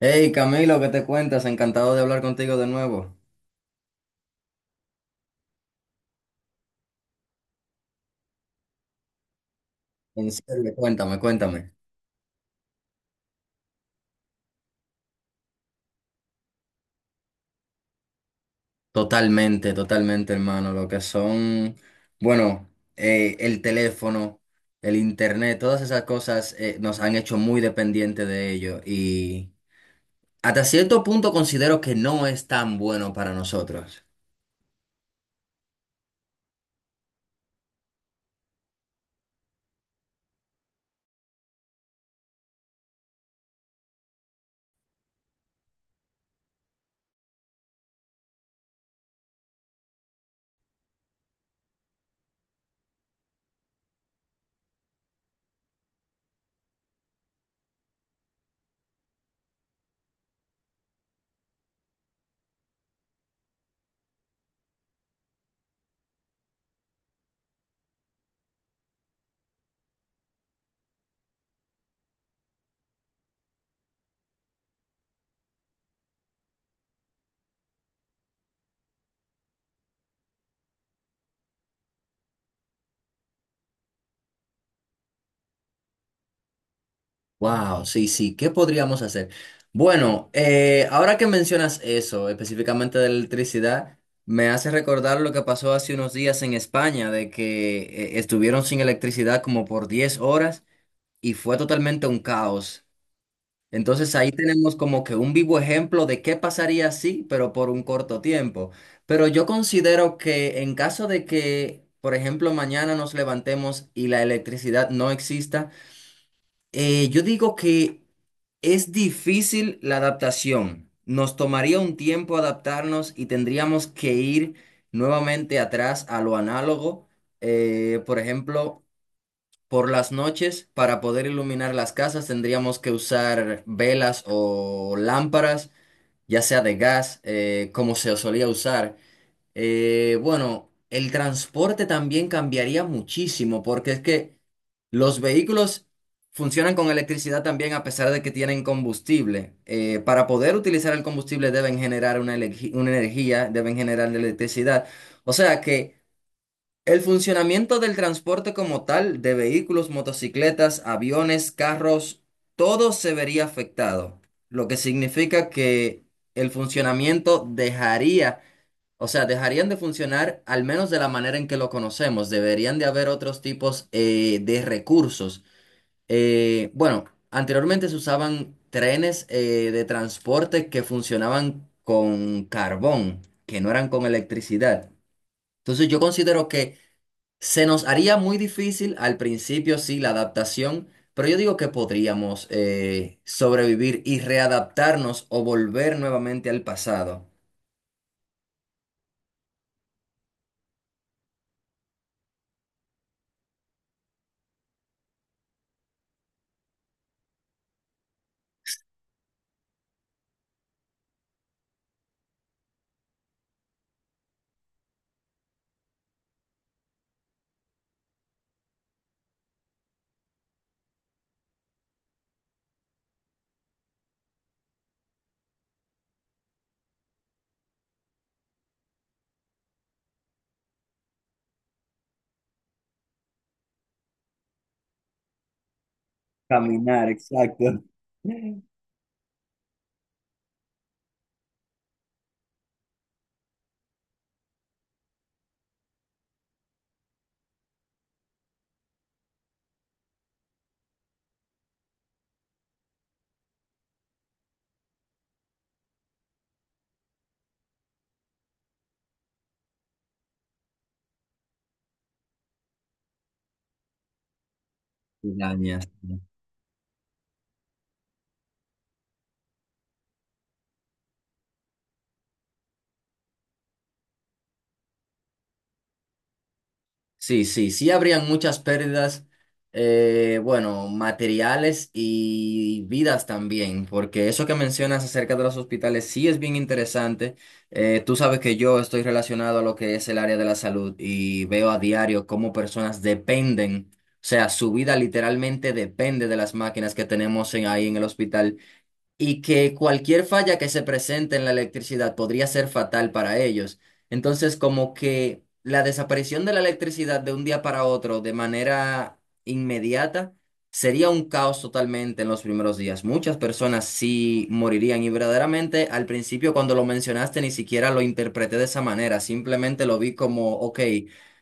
Hey Camilo, ¿qué te cuentas? Encantado de hablar contigo de nuevo. En serio, cuéntame, cuéntame. Totalmente, totalmente, hermano. Lo que son, bueno, el teléfono, el internet, todas esas cosas nos han hecho muy dependientes de ello y hasta cierto punto considero que no es tan bueno para nosotros. Wow, sí, sí, ¿qué podríamos hacer? Bueno, ahora que mencionas eso, específicamente de la electricidad, me hace recordar lo que pasó hace unos días en España, de que estuvieron sin electricidad como por 10 horas y fue totalmente un caos. Entonces ahí tenemos como que un vivo ejemplo de qué pasaría así, pero por un corto tiempo. Pero yo considero que en caso de que, por ejemplo, mañana nos levantemos y la electricidad no exista, yo digo que es difícil la adaptación. Nos tomaría un tiempo adaptarnos y tendríamos que ir nuevamente atrás a lo análogo. Por ejemplo, por las noches, para poder iluminar las casas, tendríamos que usar velas o lámparas, ya sea de gas, como se solía usar. Bueno, el transporte también cambiaría muchísimo porque es que los vehículos funcionan con electricidad también a pesar de que tienen combustible. Para poder utilizar el combustible deben generar una, una energía, deben generar electricidad. O sea que el funcionamiento del transporte como tal, de vehículos, motocicletas, aviones, carros, todo se vería afectado, lo que significa que el funcionamiento dejaría o sea, dejarían de funcionar al menos de la manera en que lo conocemos. Deberían de haber otros tipos de recursos. Bueno, anteriormente se usaban trenes de transporte que funcionaban con carbón, que no eran con electricidad. Entonces yo considero que se nos haría muy difícil al principio, sí, la adaptación, pero yo digo que podríamos sobrevivir y readaptarnos o volver nuevamente al pasado. Caminar, exacto. Dañas. Sí, sí, sí, habrían muchas pérdidas, bueno, materiales y vidas también, porque eso que mencionas acerca de los hospitales sí es bien interesante. Tú sabes que yo estoy relacionado a lo que es el área de la salud y veo a diario cómo personas dependen, o sea, su vida literalmente depende de las máquinas que tenemos ahí en el hospital, y que cualquier falla que se presente en la electricidad podría ser fatal para ellos. Entonces, como que la desaparición de la electricidad de un día para otro de manera inmediata sería un caos totalmente en los primeros días. Muchas personas sí morirían y verdaderamente al principio cuando lo mencionaste ni siquiera lo interpreté de esa manera, simplemente lo vi como, ok,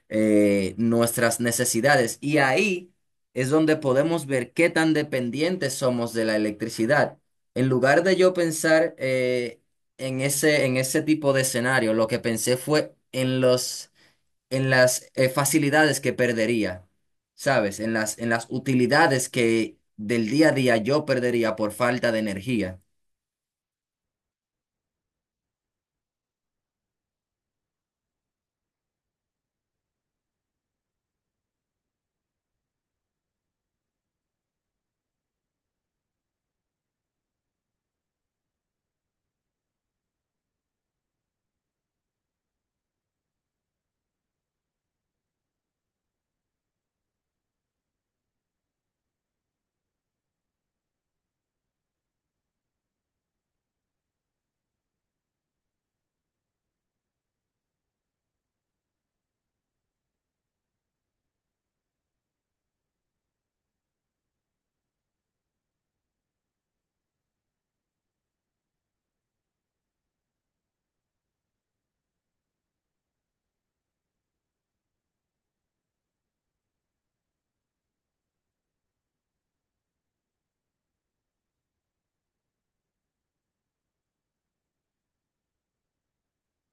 nuestras necesidades. Y ahí es donde podemos ver qué tan dependientes somos de la electricidad. En lugar de yo pensar en ese tipo de escenario, lo que pensé fue en en las facilidades que perdería, ¿sabes? En en las utilidades que del día a día yo perdería por falta de energía.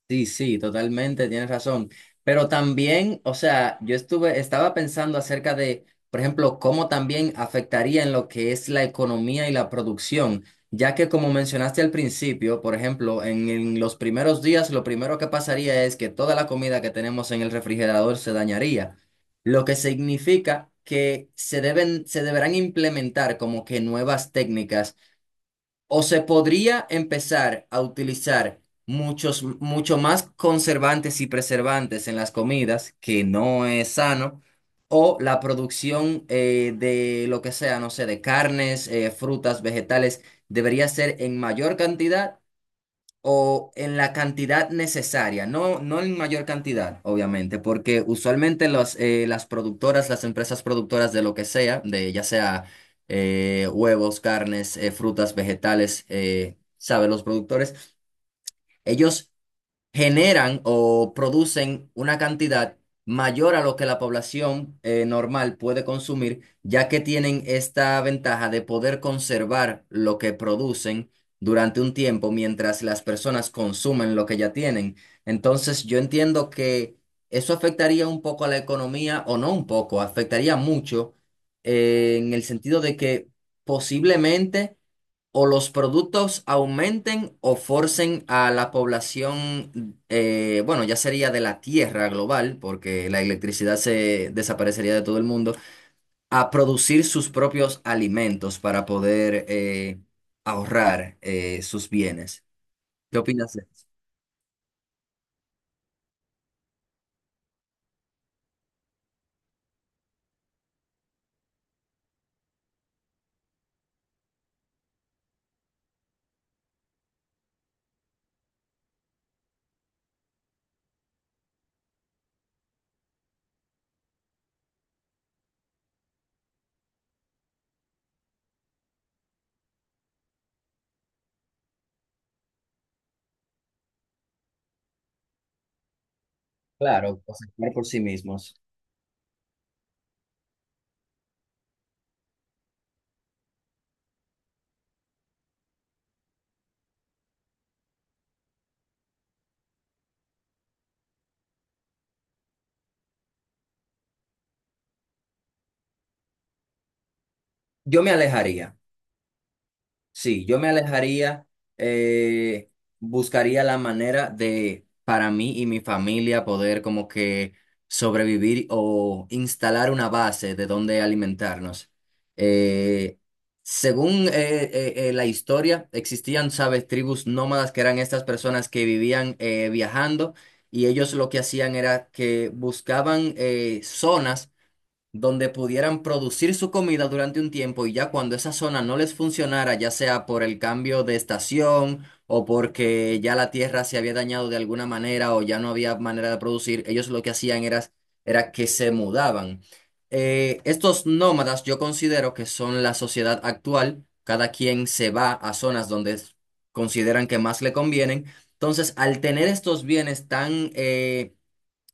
Sí, sí, totalmente, tienes razón. Pero también, o sea, estaba pensando acerca de, por ejemplo, cómo también afectaría en lo que es la economía y la producción, ya que como mencionaste al principio, por ejemplo, en los primeros días lo primero que pasaría es que toda la comida que tenemos en el refrigerador se dañaría, lo que significa que se deberán implementar como que nuevas técnicas o se podría empezar a utilizar mucho más conservantes y preservantes en las comidas, que no es sano, o la producción de lo que sea, no sé, de carnes, frutas, vegetales, debería ser en mayor cantidad o en la cantidad necesaria, no, no en mayor cantidad, obviamente, porque usualmente las productoras, las empresas productoras de lo que sea, de ya sea huevos, carnes, frutas, vegetales, sabe, los productores, ellos generan o producen una cantidad mayor a lo que la población normal puede consumir, ya que tienen esta ventaja de poder conservar lo que producen durante un tiempo mientras las personas consumen lo que ya tienen. Entonces, yo entiendo que eso afectaría un poco a la economía, o no un poco, afectaría mucho en el sentido de que posiblemente o los productos aumenten o forcen a la población, bueno, ya sería de la Tierra global, porque la electricidad se desaparecería de todo el mundo, a producir sus propios alimentos para poder ahorrar sus bienes. ¿Qué opinas de eso? Claro, cosechar por sí mismos. Yo me alejaría. Sí, yo me alejaría, eh, buscaría la manera de, para mí y mi familia, poder como que sobrevivir o instalar una base de donde alimentarnos. Eh, Según la historia, existían, sabes, tribus nómadas que eran estas personas que vivían viajando y ellos lo que hacían era que buscaban zonas donde pudieran producir su comida durante un tiempo y ya cuando esa zona no les funcionara, ya sea por el cambio de estación o porque ya la tierra se había dañado de alguna manera o ya no había manera de producir, ellos lo que hacían era que se mudaban. Estos nómadas yo considero que son la sociedad actual, cada quien se va a zonas donde consideran que más le convienen. Entonces, al tener estos bienes tan...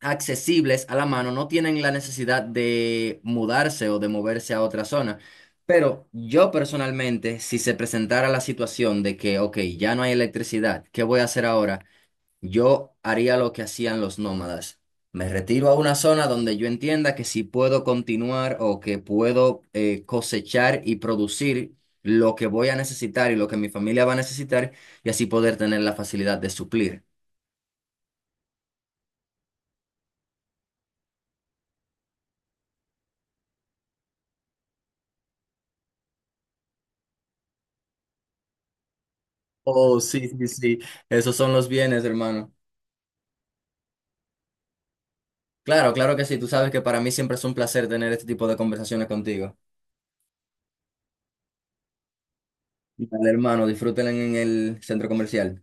accesibles a la mano, no tienen la necesidad de mudarse o de moverse a otra zona. Pero yo personalmente, si se presentara la situación de que, ok, ya no hay electricidad, ¿qué voy a hacer ahora? Yo haría lo que hacían los nómadas. Me retiro a una zona donde yo entienda que si puedo continuar o que puedo cosechar y producir lo que voy a necesitar y lo que mi familia va a necesitar y así poder tener la facilidad de suplir. Oh, sí, sí, sí. Esos son los bienes, hermano. Claro, claro que sí. Tú sabes que para mí siempre es un placer tener este tipo de conversaciones contigo. Dale, hermano, disfrútenla en el centro comercial.